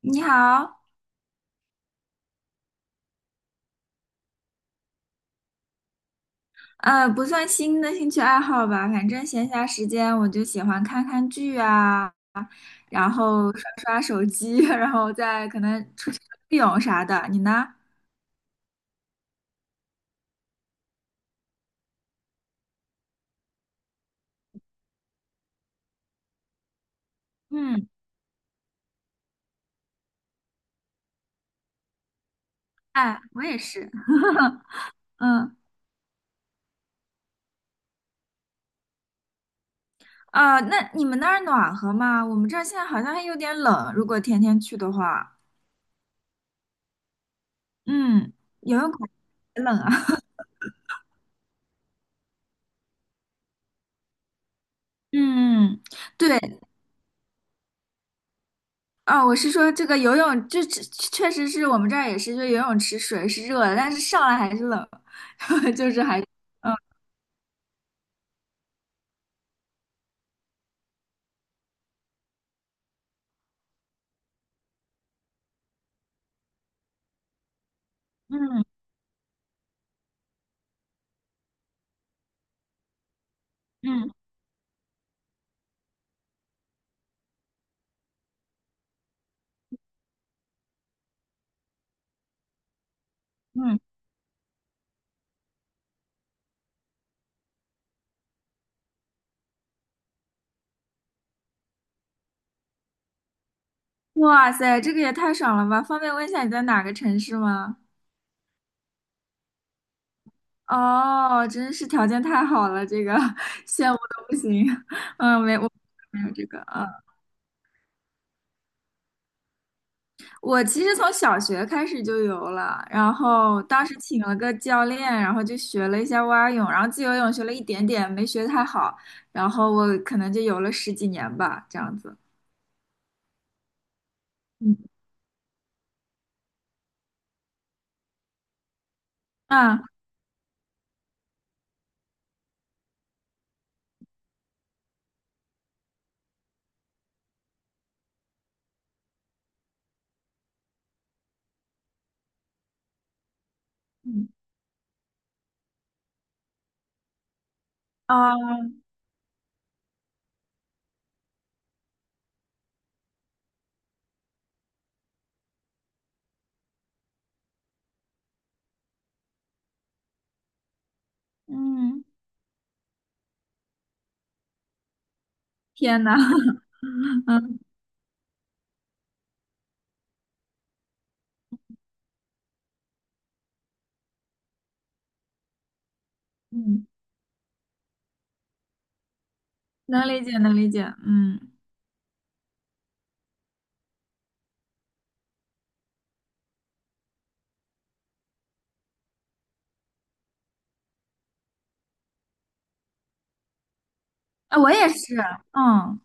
你好。不算新的兴趣爱好吧，反正闲暇时间我就喜欢看看剧啊，然后刷刷手机，然后再可能出去游泳啥的。你呢？嗯。哎，我也是。嗯。啊，那你们那儿暖和吗？我们这儿现在好像还有点冷，如果天天去的话，嗯，游泳馆也冷啊。嗯，对。啊，我是说这个游泳，这确实是我们这儿也是，就游泳池水是热的，但是上来还是冷，就是还，嗯嗯嗯嗯。哇塞，这个也太爽了吧！方便问一下你在哪个城市吗？哦，真是条件太好了，这个 羡慕的不行。嗯，没，我没有这个，嗯，我其实从小学开始就游了，然后当时请了个教练，然后就学了一下蛙泳，然后自由泳学了一点点，没学太好，然后我可能就游了十几年吧，这样子。嗯啊，嗯啊，嗯，天呐，嗯嗯，能理解，能理解，嗯。啊，我也是，嗯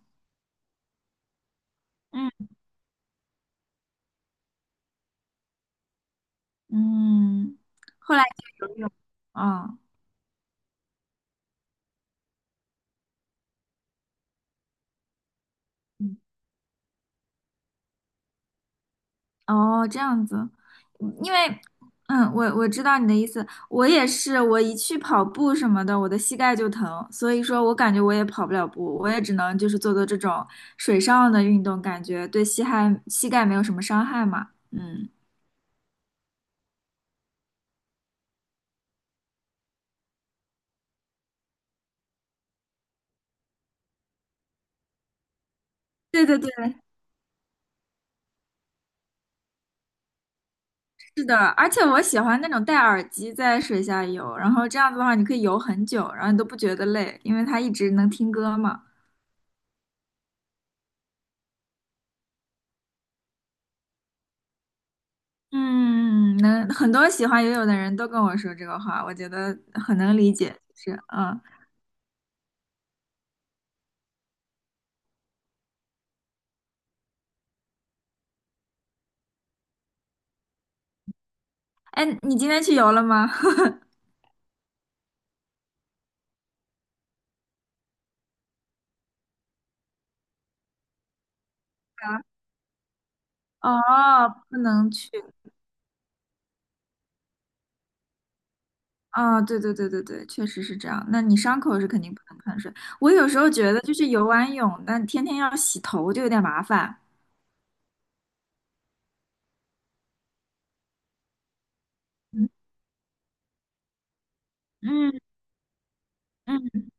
嗯嗯，后来就游泳，嗯。哦，这样子，嗯因为，嗯，我知道你的意思，我也是，我一去跑步什么的，我的膝盖就疼，所以说我感觉我也跑不了步，我也只能就是做做这种水上的运动，感觉对膝盖膝盖没有什么伤害嘛。嗯，对对对。是的，而且我喜欢那种戴耳机在水下游，然后这样子的话，你可以游很久，然后你都不觉得累，因为它一直能听歌嘛。嗯，嗯嗯能很多喜欢游泳的人都跟我说这个话，我觉得很能理解，就是嗯。哎，你今天去游了吗？哦，不能去。哦，对对对对对，确实是这样。那你伤口是肯定不能碰水。我有时候觉得，就是游完泳，那天天要洗头就有点麻烦。嗯嗯嗯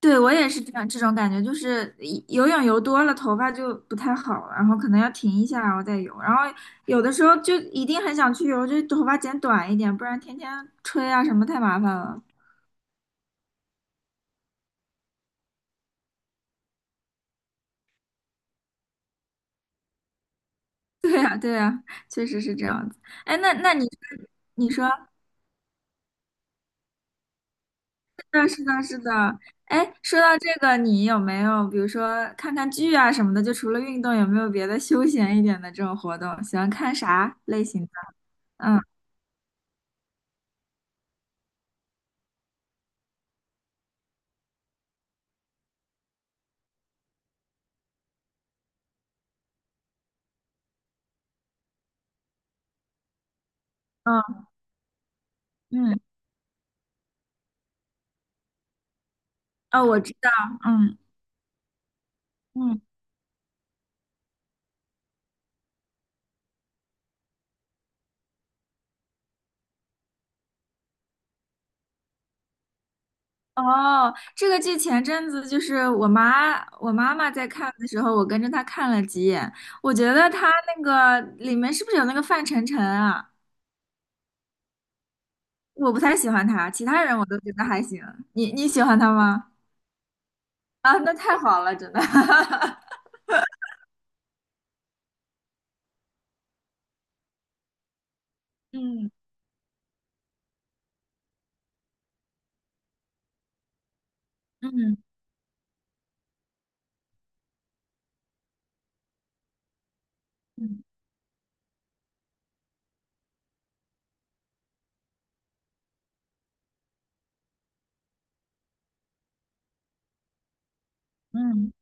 对，我也是这样，这种感觉就是一游泳游多了，头发就不太好了，然后可能要停一下，然后再游。然后有的时候就一定很想去游，就头发剪短一点，不然天天吹啊什么太麻烦了。对呀，对呀，确实是这样子。哎，那你你说，是的，是的，是的。哎，说到这个，你有没有比如说看看剧啊什么的？就除了运动，有没有别的休闲一点的这种活动？喜欢看啥类型的？嗯嗯嗯，哦，我知道，嗯。嗯，哦，这个剧前阵子就是我妈，我妈妈在看的时候，我跟着她看了几眼。我觉得她那个里面是不是有那个范丞丞啊？我不太喜欢他，其他人我都觉得还行。你喜欢他吗？啊，那太好了，真的。嗯嗯嗯嗯，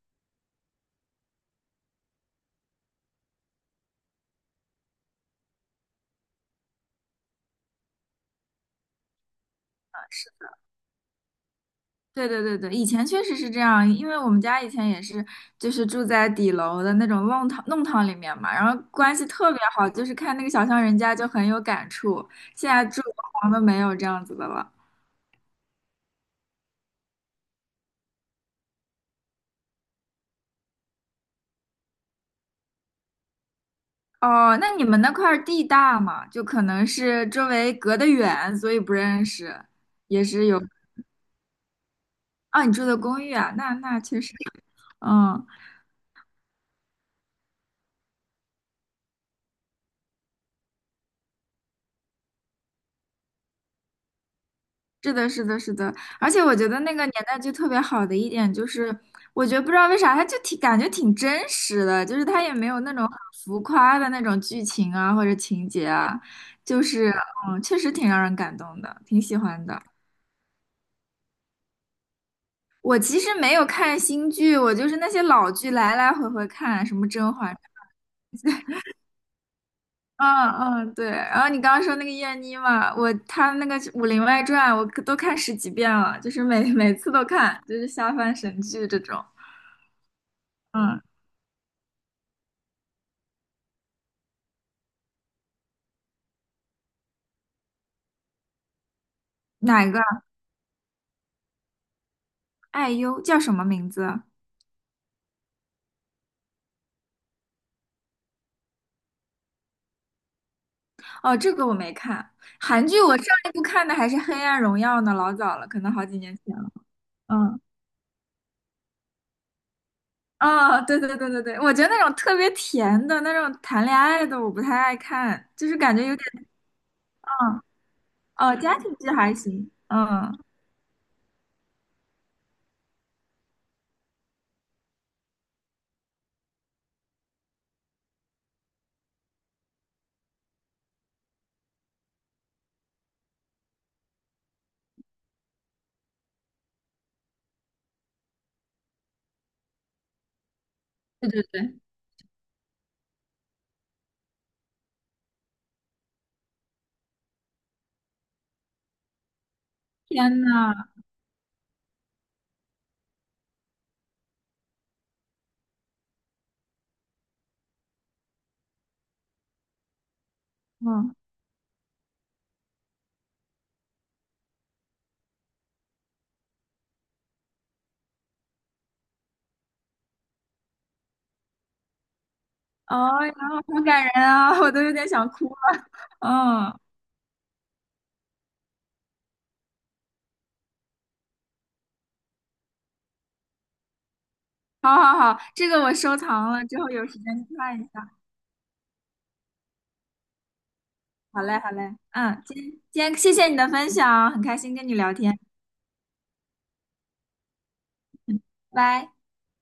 对对对对，以前确实是这样，因为我们家以前也是，就是住在底楼的那种弄堂弄堂里面嘛，然后关系特别好，就是看那个小巷人家就很有感触。现在住的房都没有这样子的了。哦，那你们那块儿地大嘛，就可能是周围隔得远，所以不认识，也是有。啊，你住的公寓啊，那那确实，嗯。是的，是的，是的，而且我觉得那个年代剧特别好的一点就是，我觉得不知道为啥，它就挺感觉挺真实的，就是它也没有那种很浮夸的那种剧情啊或者情节啊，就是嗯，确实挺让人感动的，挺喜欢的。我其实没有看新剧，我就是那些老剧来来回回看，什么《甄嬛》，嗯嗯，对。然后你刚刚说那个燕妮嘛，我她那个《武林外传》，我都看十几遍了，就是每次都看，就是下饭神剧这种。嗯。哪个？爱优叫什么名字？哦，这个我没看。韩剧我上一部看的还是《黑暗荣耀》呢，老早了，可能好几年前了。嗯，哦，对对对对对，我觉得那种特别甜的那种谈恋爱的，我不太爱看，就是感觉有点，嗯，哦，家庭剧还行。嗯，对对对，天呐，嗯，哦，呀，好感人啊，我都有点想哭了。嗯，好好好，这个我收藏了，之后有时间看一下。好嘞，好嘞，嗯，今天谢谢你的分享哦，很开心跟你聊天，拜拜。